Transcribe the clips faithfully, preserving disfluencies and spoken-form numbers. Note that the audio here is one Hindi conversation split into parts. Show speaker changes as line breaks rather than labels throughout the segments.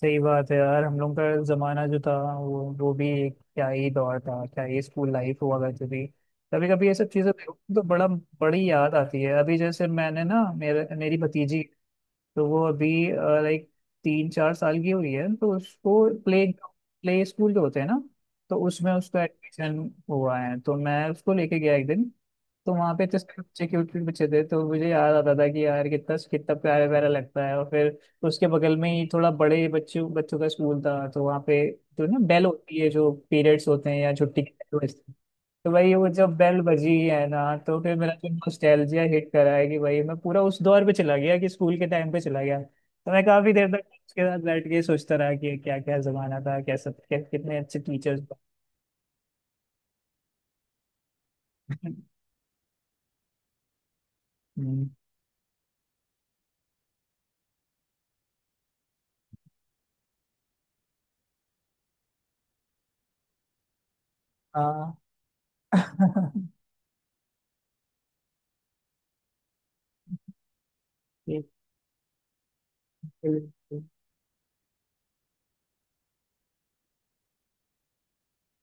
सही बात है यार। हम लोग का जमाना जो था वो वो भी एक क्या ही दौर था, क्या ही स्कूल लाइफ हुआ करती थी। कभी कभी ये सब चीजें देखो तो बड़ा बड़ी याद आती है। अभी जैसे मैंने ना मेरे मेरी भतीजी, तो वो अभी लाइक तीन चार साल की हुई है, तो उसको प्ले प्ले स्कूल जो होते हैं ना, तो उसमें उसका एडमिशन हुआ है, तो मैं उसको लेके गया एक दिन। तो वहाँ पे इतने सारे बच्चे क्यूट क्यूट बच्चे थे, तो मुझे याद आता था कि यार कितना कितना प्यारा प्यारा लगता है। और फिर उसके बगल में ही थोड़ा बड़े बच्चों बच्चों का स्कूल था, तो वहाँ पे जो ना बेल होती है, जो पीरियड्स होते हैं या छुट्टी के time होते हैं, तो भाई वो जब बेल बजी है ना, तो फिर मेरा जो नॉस्टैल्जिया हिट करा है कि भाई मैं पूरा उस दौर पे चला गया, कि स्कूल के टाइम पे चला गया। तो मैं काफी देर तक उसके साथ बैठ के सोचता रहा कि क्या क्या जमाना था, कैसा क्या, कितने अच्छे टीचर्स। हम्म। हाँ। बिल्कुल।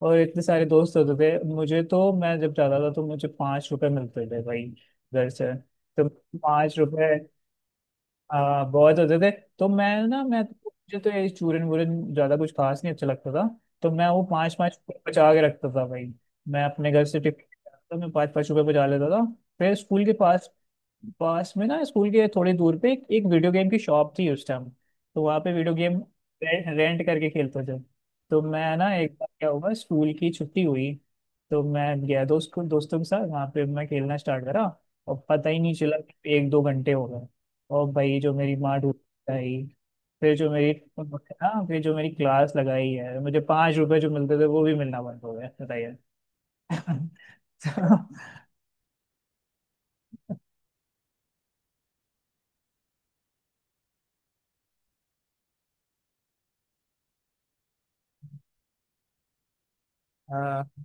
और इतने सारे दोस्त होते थे। मुझे तो मैं जब जाता था तो मुझे पाँच रुपए मिलते थे भाई, घर से। तो पाँच रुपए, हाँ, बहुत होते थे। तो मैं ना मैं मुझे तो ये चूरन वूरन ज्यादा कुछ खास नहीं अच्छा लगता था। तो मैं वो पाँच पाँच रुपए बचा के रखता था भाई। मैं अपने घर से टिफिन लेके आता था, मैं पाँच पाँच रुपए बचा लेता था। फिर स्कूल के पास पास में ना, स्कूल के थोड़ी दूर पे एक, एक वीडियो गेम की शॉप थी उस टाइम। तो वहाँ पे वीडियो गेम रेंट, रेंट करके खेलते थे। तो मैं ना एक बार क्या हुआ, स्कूल की छुट्टी हुई, तो मैं गया दोस्त को दोस्तों के साथ। वहाँ पे मैं खेलना स्टार्ट करा और पता ही नहीं चला कि एक दो घंटे हो। और भाई जो मेरी माँ ढूंढाई, फिर जो मेरी, हाँ, फिर जो मेरी क्लास लगाई है। मुझे पाँच रुपए जो मिलते थे, वो भी मिलना बंद हो गया, बताइए। तो हाँ।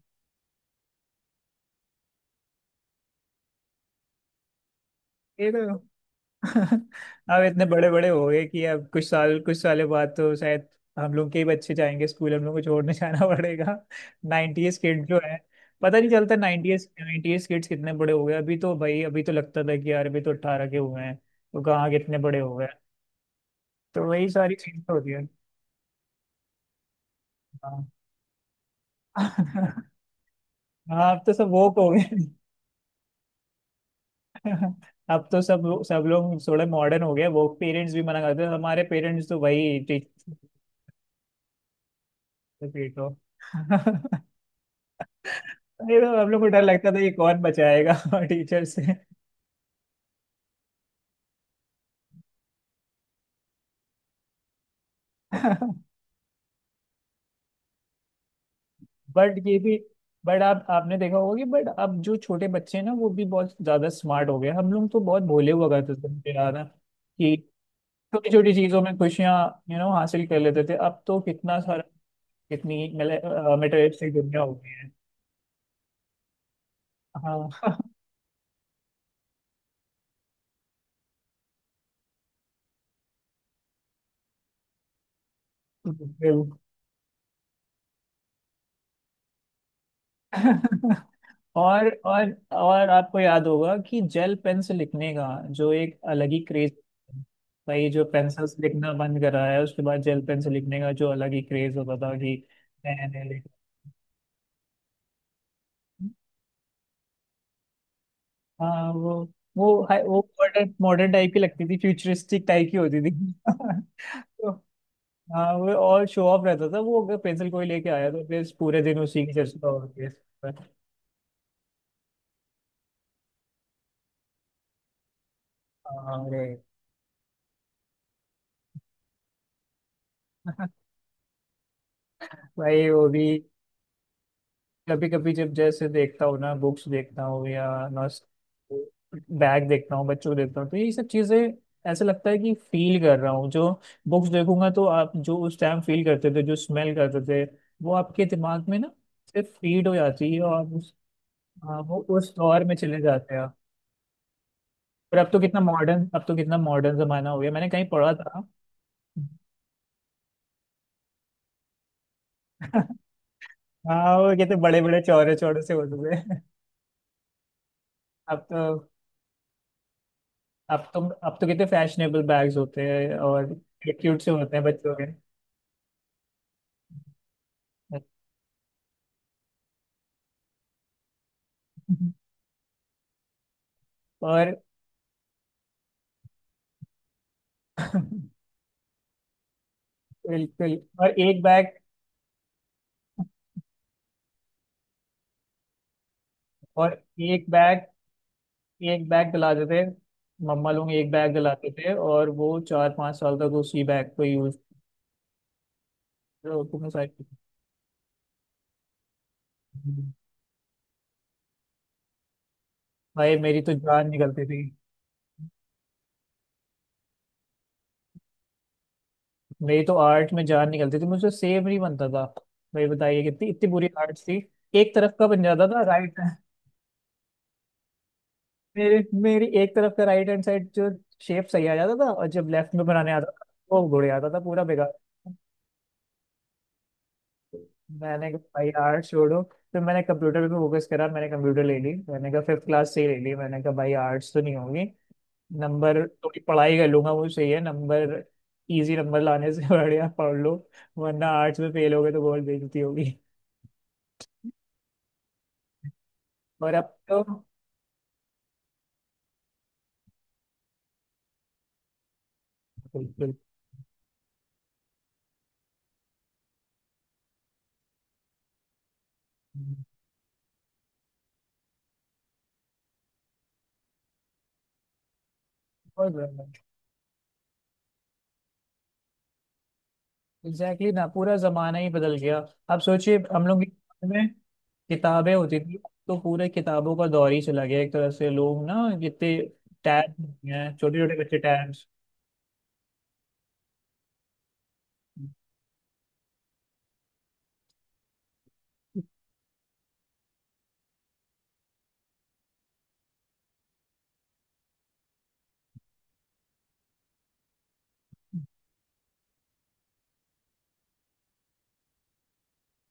ये तो, अब इतने बड़े बड़े हो गए कि अब कुछ साल, कुछ सालों बाद तो शायद हम लोग के ही बच्चे जाएंगे स्कूल, हम लोग को छोड़ने जाना पड़ेगा। नाइनटीज किड जो है, पता नहीं चलता नाइनटीज नाइनटीज किड्स कितने बड़े हो गए। अभी तो भाई अभी तो लगता था कि यार अभी तो अट्ठारह के हुए हैं, तो कहाँ कितने बड़े हो गए। तो वही सारी चीजें होती है। हाँ। अब तो सब वोक हो गए। अब तो सब लोग सब लोग थोड़े मॉडर्न हो गए, वो पेरेंट्स भी मना करते हैं। हमारे पेरेंट्स तो वही टीचर, पीटो। ये तो हम लोग को डर लगता था, ये कौन बचाएगा टीचर से। बट ये भी, बट आप आपने देखा होगा कि बट अब जो छोटे बच्चे हैं ना, वो भी बहुत ज्यादा स्मार्ट हो गए। हम लोग तो बहुत भोले हुआ करते थे। मुझे याद है कि छोटी छोटी चीजों में खुशियां, यू नो, हासिल कर लेते थे। अब तो कितना सारा, कितनी मेले- अ, मेटावेव से दुनिया हो गई है। हाँ। बिल्कुल। और और और आपको याद होगा कि जेल पेन से लिखने का जो एक अलग ही क्रेज। भाई जो पेंसिल से लिखना बंद करा है, उसके बाद जेल पेन से लिखने का जो अलग ही क्रेज होता था कि नया नया लिख। हाँ वो, वो हाय- वो मॉडर्न मॉडर्न टाइप की लगती थी, फ्यूचरिस्टिक टाइप की होती थी। तो हाँ, वो और शो ऑफ रहता था। वो अगर पेंसिल कोई लेके आया तो फिर पूरे दिन उसी की चर्चा होती है। अरे, भाई वो भी। कभी कभी जब जैसे देखता हूँ ना, बुक्स देखता हूँ या नॉस बैग देखता हूँ, बच्चों को देखता हूँ, तो ये सब चीजें ऐसा लगता है कि फील कर रहा हूँ। जो बुक्स देखूंगा, तो आप जो उस टाइम फील करते थे, जो स्मेल करते थे, वो आपके दिमाग में ना सिर्फ फीड हो जाती है। और उस, हाँ, वो उस दौर में चले जाते हैं आप। पर अब तो कितना मॉडर्न, अब तो कितना मॉडर्न जमाना हो गया। मैंने कहीं पढ़ा था। हाँ, वो कहते बड़े बड़े चौड़े चौड़े से होते थे। अब तो, अब तो अब तो कितने फैशनेबल बैग्स होते हैं। और क्यूट से होते हैं बच्चों के। और बिल्कुल। और एक बैग, और एक बैग एक बैग दिलाते थे मम्मा लोग, एक बैग दिलाते थे, और वो चार पांच साल तक उसी बैग को यूज। भाई मेरी तो जान निकलती थी। मेरी तो आर्ट में जान निकलती थी, मुझे सेब नहीं बनता था भाई। बताइए कितनी इतनी बुरी आर्ट थी। एक तरफ का बन जाता था राइट। मेरे मेरी एक तरफ का राइट हैंड साइड जो शेप सही आ जाता था, और जब लेफ्ट में बनाने आता था वो बुढ़े आता था, पूरा बेकार। मैंने कहा भाई यार छोड़ो। फिर मैंने कंप्यूटर पे फोकस करा, मैंने कंप्यूटर ले ली। मैंने कहा फिफ्थ क्लास से ही ले ली, मैंने कहा भाई आर्ट्स तो नहीं होगी। नंबर थोड़ी पढ़ाई कर लूंगा, वो सही है। नंबर इजी नंबर लाने से बढ़िया पढ़ लो। वरना आर्ट्स में फेल हो गए तो बहुत बेइज्जती होगी। और अब तो, बिल्कुल। एग्जैक्टली exactly ना, पूरा जमाना ही बदल गया। आप सोचिए हम लोग के ज़माने में किताबें होती थी, अब तो पूरे किताबों का दौर ही चला गया एक तरह से। लोग ना कितने टैब, हैं छोटे छोटे बच्चे टैब्स।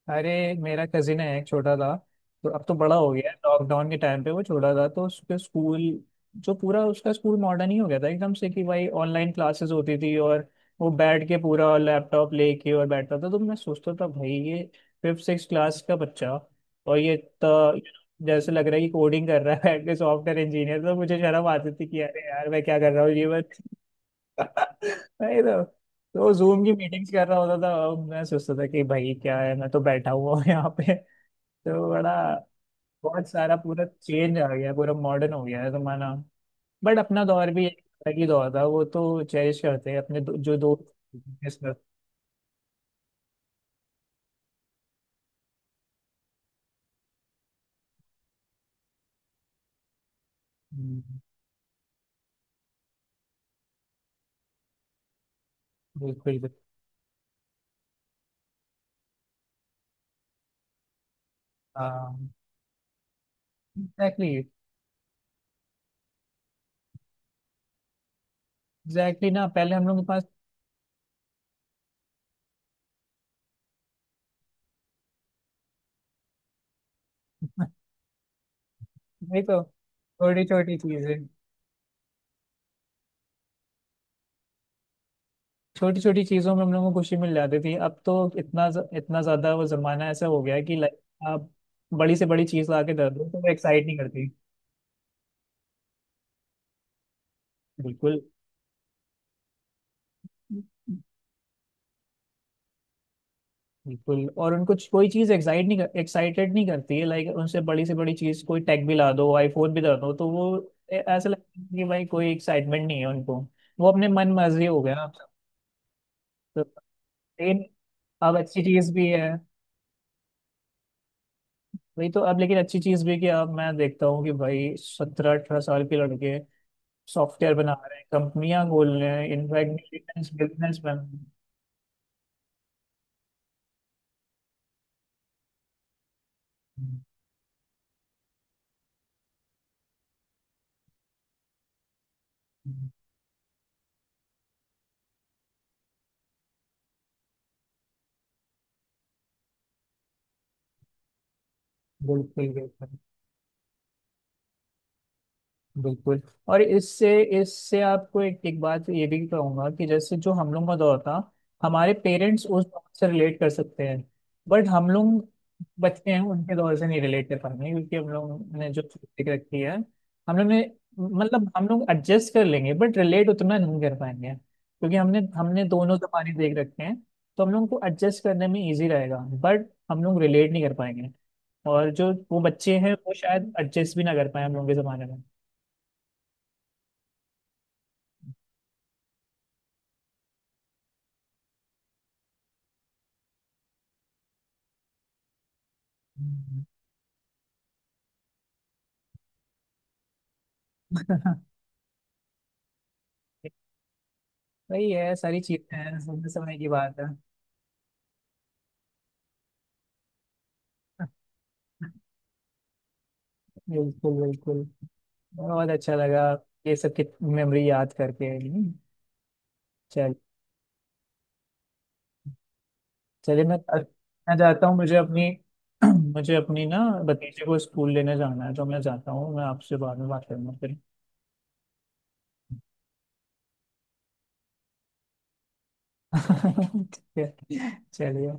अरे, मेरा कजिन है एक छोटा था, तो अब तो बड़ा हो गया है। लॉकडाउन के टाइम पे वो छोटा था, तो उसके स्कूल, जो पूरा उसका स्कूल मॉडर्न ही हो गया था एकदम से। कि भाई ऑनलाइन क्लासेस होती थी और वो बैठ के पूरा लैपटॉप लेके और बैठता था। तो मैं सोचता था भाई ये फिफ्थ सिक्स क्लास का बच्चा, और ये तो जैसे लग रहा है कि कोडिंग कर रहा है, बैठ के सॉफ्टवेयर इंजीनियर। तो मुझे शर्म आती थी कि अरे यार मैं क्या कर रहा हूँ ये। नहीं तो, तो जूम की मीटिंग्स कर रहा होता था। अब मैं सोचता था कि भाई क्या है, मैं तो बैठा हुआ हूँ यहाँ पे तो बड़ा। बहुत सारा पूरा चेंज आ गया, पूरा मॉडर्न हो गया है जमाना। बट अपना दौर भी एक अलग ही दौर था, वो तो चेरिश करते हैं अपने दो, जो दोस्त। Yes, sir. हम्म। बिल्कुल बिल्कुल। हाँ। एग्जैक्टली। एग्जैक्टली ना, पहले हम लोग के पास। नहीं तो, छोटी छोटी चीजें, छोटी छोटी चीजों में हम लोगों को खुशी मिल जाती थी। अब तो इतना, इतना ज्यादा वो जमाना ऐसा हो गया है कि लाइक आप बड़ी से बड़ी चीज ला के दे दो तो वो एक्साइट नहीं करती। बिल्कुल बिल्कुल। और उनको च- कोई चीज एक्साइट नहीं कर, एक्साइटेड नहीं करती है। लाइक उनसे बड़ी से बड़ी चीज कोई टैग भी ला दो, आईफोन भी दे दो, तो वो ए- ऐसा लगता है कि भाई कोई एक्साइटमेंट नहीं है उनको। वो अपने मन मर्जी हो गया अब सब तो। लेकिन, अब अच्छी चीज भी है। वही तो, अब लेकिन अच्छी चीज भी है कि अब मैं देखता हूँ कि भाई सत्रह अठारह साल के लड़के सॉफ्टवेयर बना रहे हैं, कंपनियां खोल रहे हैं। इनफैक्ट बिजनेस बिजनेस बन। बिल्कुल बिल्कुल बिल्कुल। और इससे इससे आपको एक एक बात ये भी कहूंगा कि जैसे जो हम लोग का दौर था, हमारे पेरेंट्स उस दौर से रिलेट कर सकते हैं। बट हम लोग बच्चे हैं, उनके दौर से नहीं रिलेट कर पाएंगे, क्योंकि हम लोग ने जो सोच रखी है। हम लोग ने, मतलब हम लोग एडजस्ट कर लेंगे, बट रिलेट उतना नहीं कर पाएंगे, क्योंकि हमने हमने दोनों जमाने देख रखे हैं। तो हम लोग को एडजस्ट करने में इजी रहेगा, बट हम लोग रिलेट नहीं कर पाएंगे। और जो वो बच्चे हैं, वो शायद एडजस्ट भी ना कर पाए हम लोग के जमाने में। वही है, सारी चीजें हैं, समय समय की बात है। बिल्कुल बिल्कुल। बहुत अच्छा लगा ये सब की मेमोरी याद करके। हम्म, चल, चलिए मैं मैं जाता हूँ। मुझे अपनी, मुझे अपनी ना भतीजे को स्कूल लेने जाना है, तो मैं जाता हूँ। मैं आपसे बाद में बात करूंगा फिर। ठीक है, चलिए।